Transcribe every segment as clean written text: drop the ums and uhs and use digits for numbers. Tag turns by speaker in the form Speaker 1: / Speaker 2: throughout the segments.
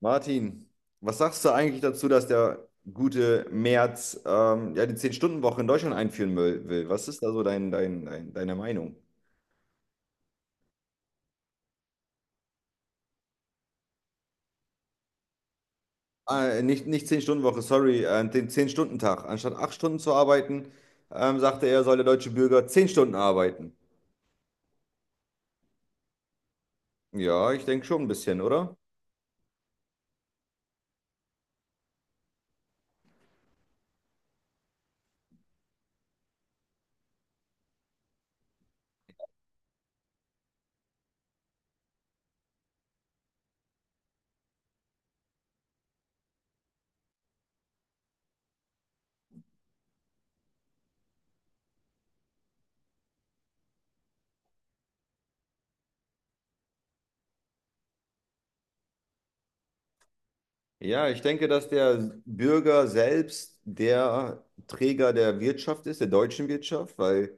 Speaker 1: Martin, was sagst du eigentlich dazu, dass der gute Merz ja die 10-Stunden-Woche in Deutschland einführen will? Was ist da so deine Meinung? Nicht 10-Stunden-Woche, sorry, den 10-Stunden-Tag, anstatt 8 Stunden zu arbeiten, sagte er, soll der deutsche Bürger 10 Stunden arbeiten. Ja, ich denke schon ein bisschen, oder? Ja, ich denke, dass der Bürger selbst der Träger der Wirtschaft ist, der deutschen Wirtschaft, weil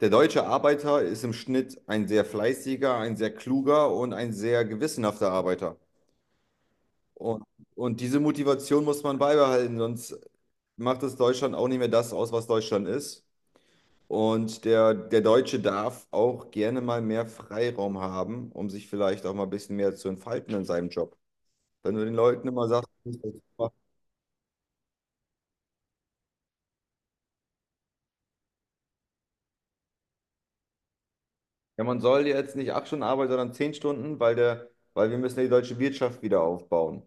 Speaker 1: der deutsche Arbeiter ist im Schnitt ein sehr fleißiger, ein sehr kluger und ein sehr gewissenhafter Arbeiter. Und, und diese Motivation muss man beibehalten, sonst macht es Deutschland auch nicht mehr das aus, was Deutschland ist. Und der Deutsche darf auch gerne mal mehr Freiraum haben, um sich vielleicht auch mal ein bisschen mehr zu entfalten in seinem Job. Wenn du den Leuten immer sagst, ja, man soll jetzt nicht 8 Stunden arbeiten, sondern 10 Stunden, weil der, weil wir müssen ja die deutsche Wirtschaft wieder aufbauen.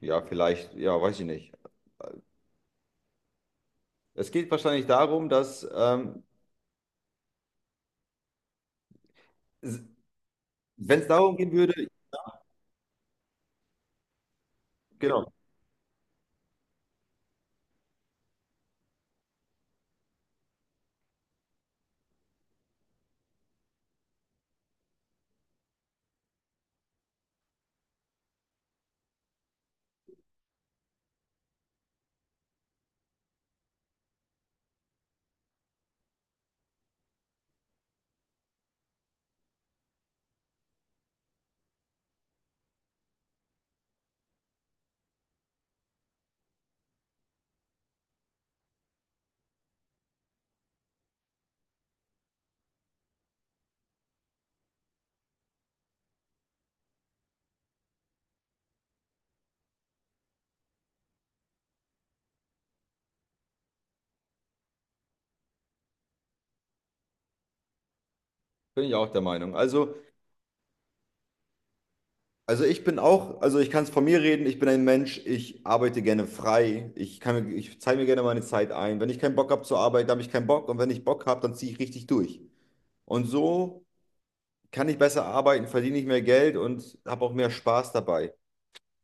Speaker 1: Ja, vielleicht, ja, weiß ich nicht. Es geht wahrscheinlich darum, dass, wenn es darum gehen würde, genau, bin ich auch der Meinung. Also, ich bin auch, also ich kann es von mir reden, ich bin ein Mensch, ich arbeite gerne frei, ich kann, ich zeige mir gerne meine Zeit ein. Wenn ich keinen Bock habe zu arbeiten, habe ich keinen Bock, und wenn ich Bock habe, dann ziehe ich richtig durch. Und so kann ich besser arbeiten, verdiene ich mehr Geld und habe auch mehr Spaß dabei.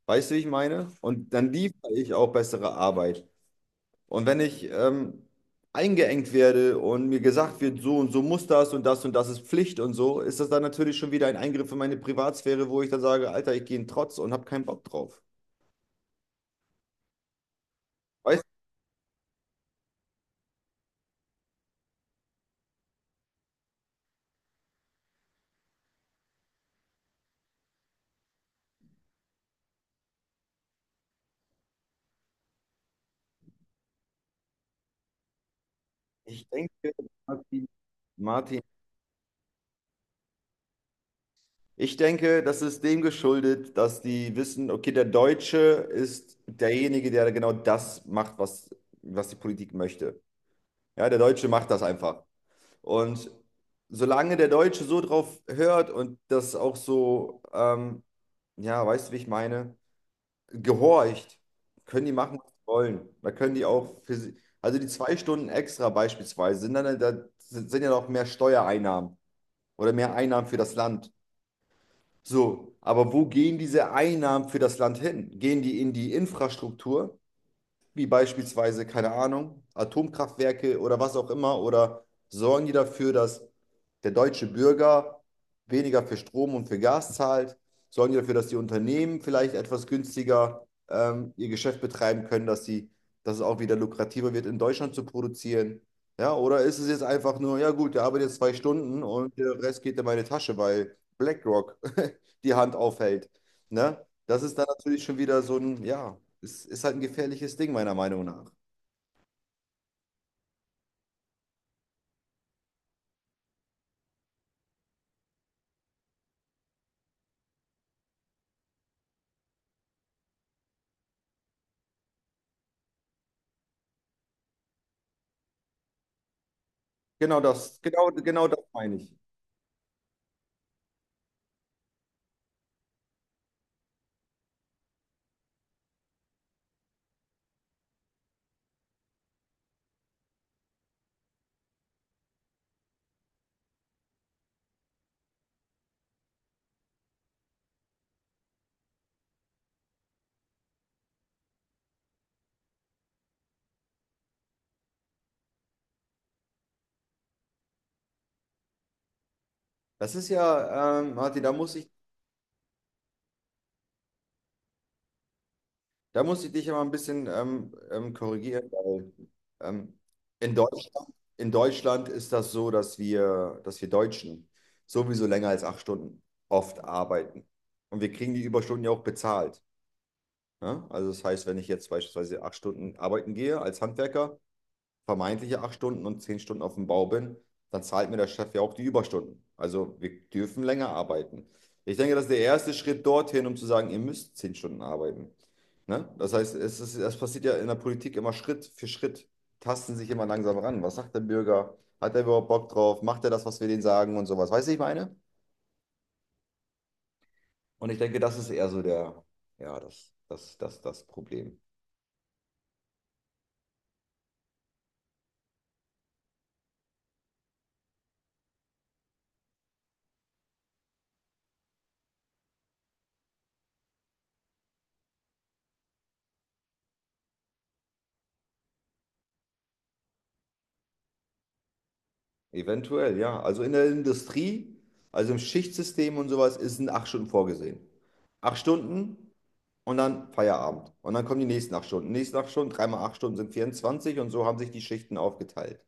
Speaker 1: Weißt du, wie ich meine? Und dann liefere ich auch bessere Arbeit. Und wenn ich eingeengt werde und mir gesagt wird, so und so muss das und das, und das ist Pflicht und so, ist das dann natürlich schon wieder ein Eingriff in meine Privatsphäre, wo ich dann sage, Alter, ich gehe in Trotz und habe keinen Bock drauf. Weißt du, ich denke, Martin, Martin, ich denke, das ist dem geschuldet, dass die wissen, okay, der Deutsche ist derjenige, der genau das macht, was, was die Politik möchte. Ja, der Deutsche macht das einfach. Und solange der Deutsche so drauf hört und das auch so, ja, weißt du, wie ich meine, gehorcht, können die machen, was sie wollen. Da können die auch für sie, also die 2 Stunden extra beispielsweise, sind dann da sind sind ja noch mehr Steuereinnahmen oder mehr Einnahmen für das Land. So, aber wo gehen diese Einnahmen für das Land hin? Gehen die in die Infrastruktur, wie beispielsweise, keine Ahnung, Atomkraftwerke oder was auch immer, oder sorgen die dafür, dass der deutsche Bürger weniger für Strom und für Gas zahlt? Sorgen die dafür, dass die Unternehmen vielleicht etwas günstiger ihr Geschäft betreiben können, dass sie, dass es auch wieder lukrativer wird, in Deutschland zu produzieren? Ja, oder ist es jetzt einfach nur, ja gut, der arbeitet jetzt 2 Stunden und der Rest geht in meine Tasche, weil BlackRock die Hand aufhält. Ne? Das ist dann natürlich schon wieder so ein, ja, ist halt ein gefährliches Ding, meiner Meinung nach. Genau das, genau, genau das meine ich. Das ist ja, Martin, da muss ich dich ja mal ein bisschen korrigieren, weil ähm, in Deutschland, in Deutschland ist das so, dass wir Deutschen sowieso länger als 8 Stunden oft arbeiten. Und wir kriegen die Überstunden ja auch bezahlt. Ne? Also das heißt, wenn ich jetzt beispielsweise 8 Stunden arbeiten gehe als Handwerker, vermeintliche 8 Stunden, und 10 Stunden auf dem Bau bin, dann zahlt mir der Chef ja auch die Überstunden. Also wir dürfen länger arbeiten. Ich denke, das ist der erste Schritt dorthin, um zu sagen, ihr müsst 10 Stunden arbeiten. Ne? Das heißt, es ist, das passiert ja in der Politik immer Schritt für Schritt, tasten sich immer langsam ran. Was sagt der Bürger? Hat er überhaupt Bock drauf? Macht er das, was wir denen sagen und sowas? Weißt du, ich meine? Und ich denke, das ist eher so der, ja, das Problem. Eventuell, ja. Also in der Industrie, also im Schichtsystem und sowas, sind 8 Stunden vorgesehen. 8 Stunden und dann Feierabend. Und dann kommen die nächsten 8 Stunden. Nächsten acht Stunden, 3 mal 8 Stunden sind 24, und so haben sich die Schichten aufgeteilt.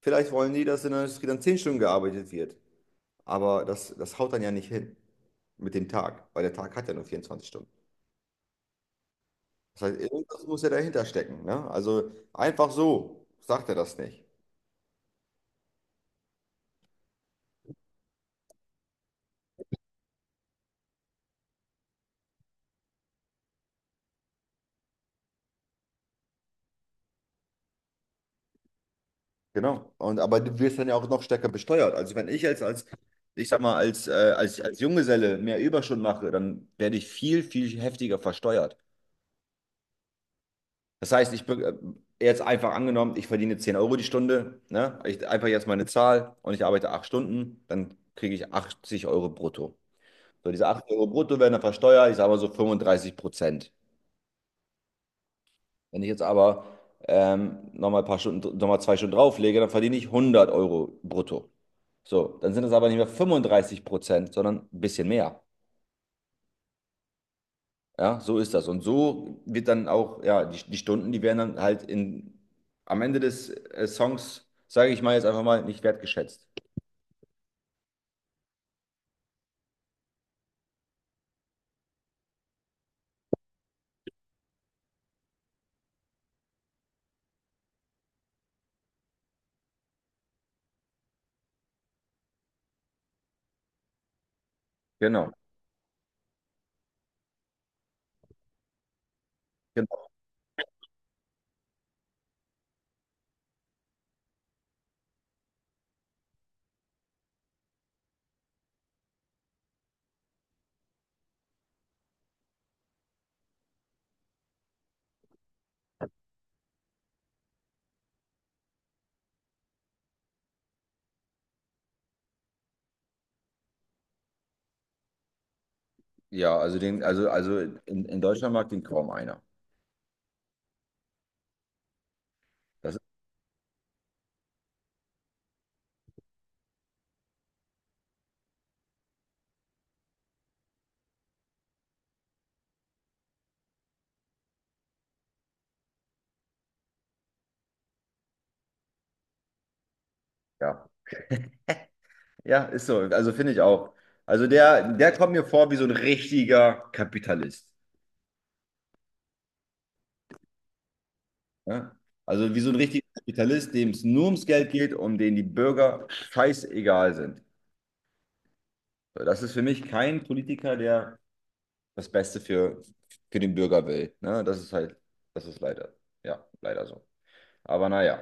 Speaker 1: Vielleicht wollen die, dass in der Industrie dann 10 Stunden gearbeitet wird. Aber das, das haut dann ja nicht hin mit dem Tag, weil der Tag hat ja nur 24 Stunden. Das heißt, irgendwas muss ja dahinter stecken. Ne? Also einfach so sagt er das nicht. Genau. Und aber du wirst dann ja auch noch stärker besteuert. Also wenn ich jetzt als, ich sag mal, als, als, als Junggeselle mehr Überstunden mache, dann werde ich viel, viel heftiger versteuert. Das heißt, jetzt einfach angenommen, ich verdiene 10 Euro die Stunde, ne? Ich einfach jetzt meine Zahl und ich arbeite 8 Stunden, dann kriege ich 80 Euro brutto. So, diese 80 Euro brutto werden dann versteuert, ich sage mal so 35%. Wenn ich jetzt aber nochmal ein paar Stunden, nochmal 2 Stunden drauflege, dann verdiene ich 100 Euro brutto. So, dann sind es aber nicht mehr 35%, sondern ein bisschen mehr. Ja, so ist das. Und so wird dann auch, ja, die Stunden, die werden dann halt in, am Ende des Songs, sage ich mal jetzt einfach mal, nicht wertgeschätzt. Genau. Genau. Ja, also den, also in Deutschland mag den kaum einer. Das ist, ja. Ja, ist so. Also finde ich auch. Also der, der kommt mir vor wie so ein richtiger Kapitalist. Ja? Also wie so ein richtiger Kapitalist, dem es nur ums Geld geht, und denen die Bürger scheißegal sind. So, das ist für mich kein Politiker, der das Beste für den Bürger will. Ne? Das ist halt, das ist leider, ja, leider so. Aber naja.